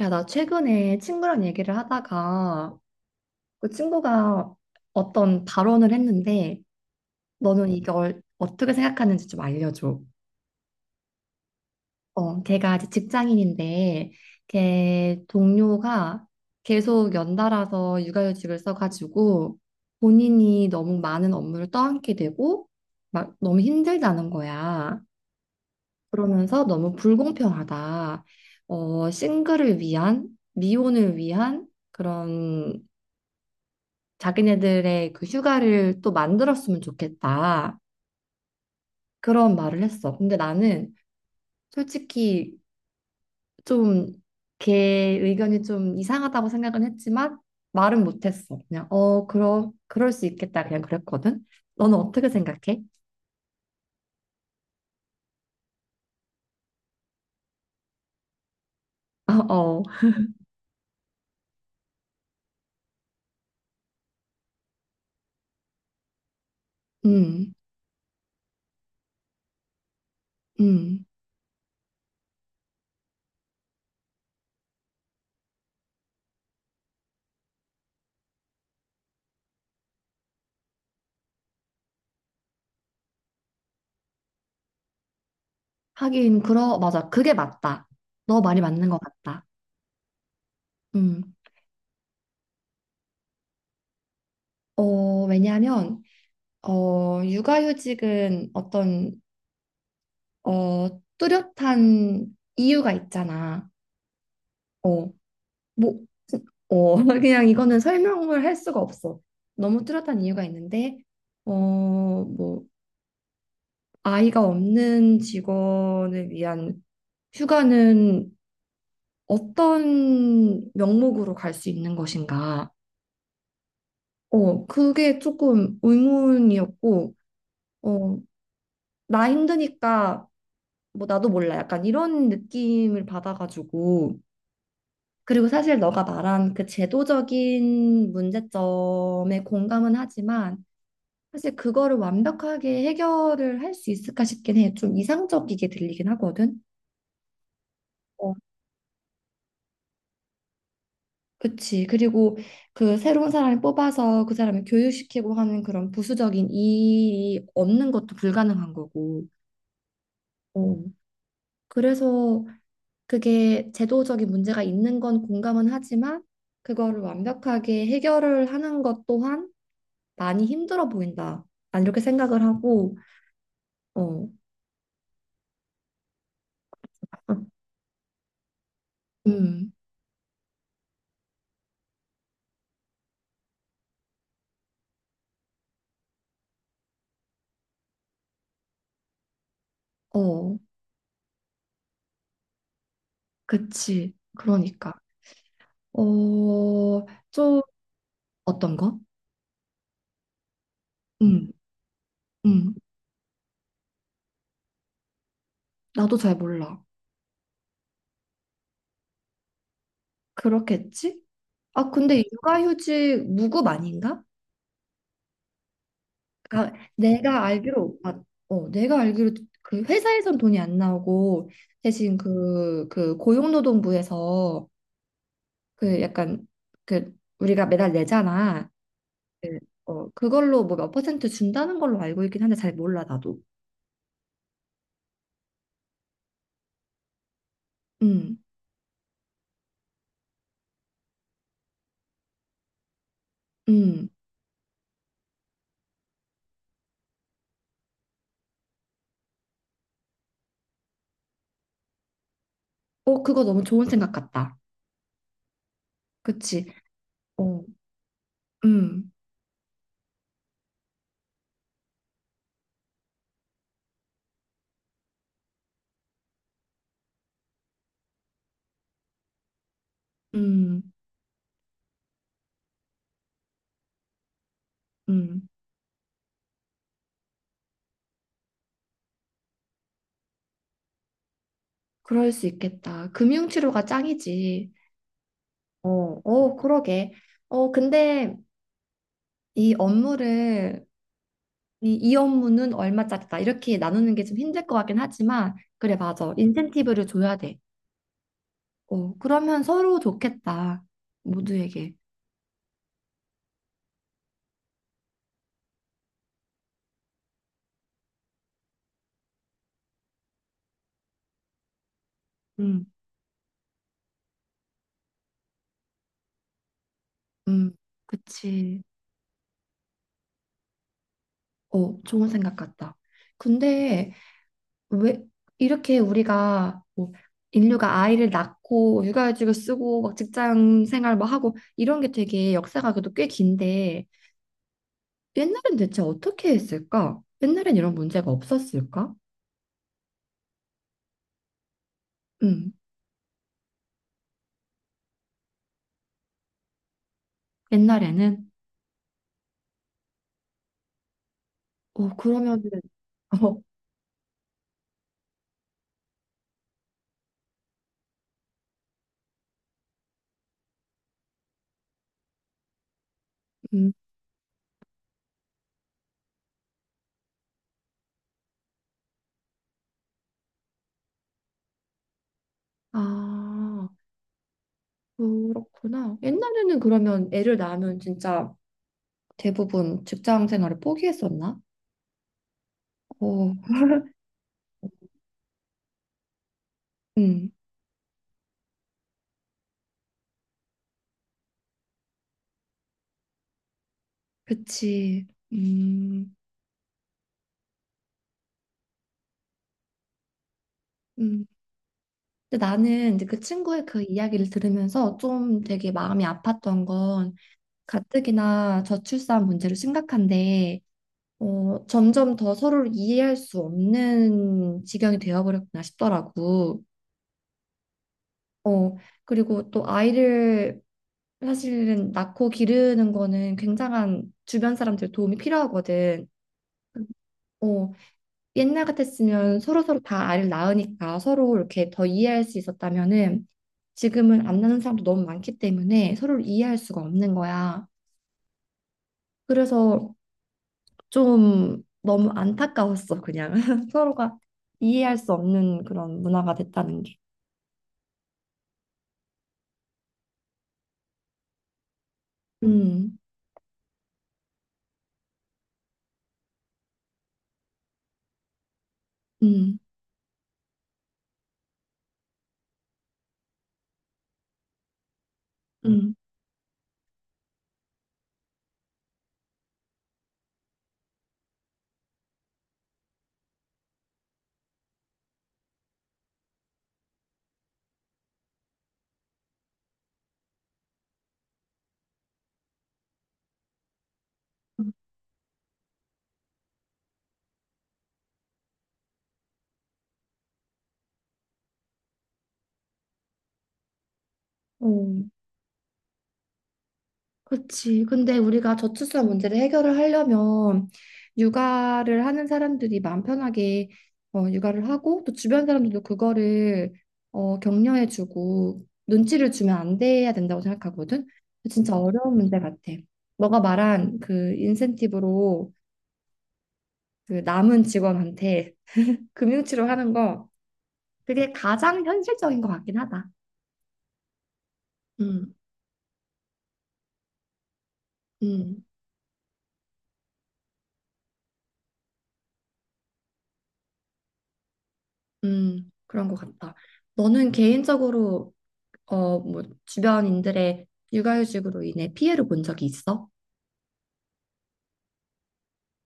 야, 나 최근에 친구랑 얘기를 하다가 그 친구가 어떤 발언을 했는데 너는 이걸 어떻게 생각하는지 좀 알려줘. 걔가 이제 직장인인데 걔 동료가 계속 연달아서 육아휴직을 써가지고 본인이 너무 많은 업무를 떠안게 되고 막 너무 힘들다는 거야. 그러면서 너무 불공평하다. 싱글을 위한, 미혼을 위한 그런 자기네들의 그 휴가를 또 만들었으면 좋겠다. 그런 말을 했어. 근데 나는 솔직히 좀 걔 의견이 좀 이상하다고 생각은 했지만 말은 못했어. 그냥 그럼 그럴 수 있겠다. 그냥 그랬거든. 너는 어떻게 생각해? 어, 어, 음, 음. 하긴 그러 맞아. 그게 맞다. 너 말이 맞는 것 같다. 음. 어, 왜냐하면 육아휴직은 어떤 어, 뚜렷한 이유가 있잖아. 어, 뭐, 어, 그냥 이거는 설명을 할 수가 없어. 너무 뚜렷한 이유가 있는데, 뭐, 아이가 없는 직원을 위한 휴가는 어떤 명목으로 갈 수 있는 것인가? 그게 조금 의문이었고, 어, 나 힘드니까, 뭐, 나도 몰라. 약간 이런 느낌을 받아가지고, 그리고 사실 너가 말한 그 제도적인 문제점에 공감은 하지만 사실 그거를 완벽하게 해결을 할 수 있을까 싶긴 해. 좀 이상적이게 들리긴 하거든. 어, 그치. 그리고 그 새로운 사람을 뽑아서 그 사람을 교육시키고 하는 그런 부수적인 일이 없는 것도 불가능한 거고. 어, 그래서 그게 제도적인 문제가 있는 건 공감은 하지만 그거를 완벽하게 해결을 하는 것 또한 많이 힘들어 보인다. 난 이렇게 생각을 하고, 어, 아, 음, 어, 그치. 그러니까. 어, 좀. 어떤 거? 음, 음, 나도 잘 몰라. 그렇겠지? 아, 근데 육아휴직 무급 아닌가? 아, 내가 알기로 그 회사에선 돈이 안 나오고 대신 그 고용노동부에서 그 약간 그 우리가 매달 내잖아. 그, 그걸로 뭐 몇 퍼센트 준다는 걸로 알고 있긴 한데 잘 몰라, 나도. 음, 음. 어, 그거 너무 좋은 생각 같다. 그치? 어, 음, 음, 음. 그럴 수 있겠다. 금융치료가 짱이지. 어, 어, 그러게. 근데 이 업무를, 이 업무는 얼마짜리다. 이렇게 나누는 게 좀 힘들 것 같긴 하지만, 그래, 맞아. 인센티브를 줘야 돼. 그러면 서로 좋겠다. 모두에게. 음, 음. 그치. 어, 좋은 생각 같다. 근데 왜 이렇게 우리가 뭐 인류가 아이를 낳고 육아휴직을 쓰고 막 직장 생활 뭐 하고 이런 게 되게 역사가 그래도 꽤 긴데 옛날엔 대체 어떻게 했을까? 옛날엔 이런 문제가 없었을까? 음, 옛날에는 어 그러면은 어, 음, 아 그렇구나. 옛날에는 그러면 애를 낳으면 진짜 대부분 직장 생활을 포기했었나? 어, 음. 그치. 음, 음. 근데 나는 이제 그 친구의 그 이야기를 들으면서 좀 되게 마음이 아팠던 건 가뜩이나 저출산 문제로 심각한데 점점 더 서로를 이해할 수 없는 지경이 되어버렸구나 싶더라고. 어, 그리고 또 아이를 사실은 낳고 기르는 거는 굉장한 주변 사람들 도움이 필요하거든. 어, 옛날 같았으면 서로서로 다 아이를 낳으니까 서로 이렇게 더 이해할 수 있었다면은 지금은 안 낳는 사람도 너무 많기 때문에 서로를 이해할 수가 없는 거야. 그래서 좀 너무 안타까웠어, 그냥. 서로가 이해할 수 없는 그런 문화가 됐다는 게. 음, 음, 음. 어. 그치. 근데 우리가 저출산 문제를 해결을 하려면 육아를 하는 사람들이 마음 편하게 육아를 하고 또 주변 사람들도 그거를 격려해주고 눈치를 주면 안 돼야 된다고 생각하거든. 진짜 어려운 문제 같아. 너가 말한 그 인센티브로 그 남은 직원한테 금융치료 하는 거 그게 가장 현실적인 것 같긴 하다. 음, 음, 음, 그런 것 같다. 너는 개인적으로 뭐, 주변인들의 육아휴직으로 인해 피해를 본 적이 있어?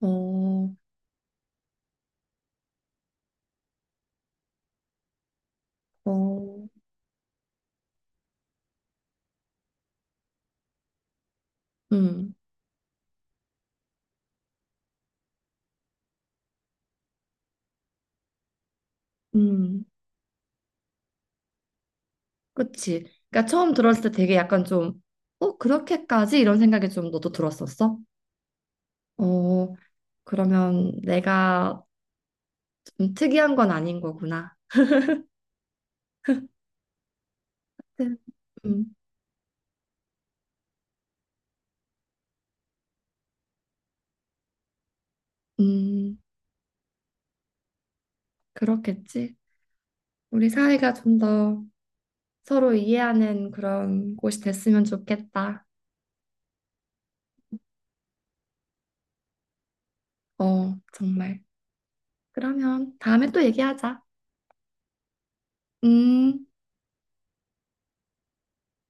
어, 어, 음, 음, 그치. 그러니까 처음 들었을 때 되게 약간 좀, 어, 그렇게까지? 이런 생각이 좀 너도 들었었어? 어, 그러면 내가 좀 특이한 건 아닌 거구나. 음, 음, 음, 그렇겠지. 우리 사회가 좀 더 서로 이해하는 그런 곳이 됐으면 좋겠다. 어, 정말. 그러면 다음에 또 얘기하자. 음.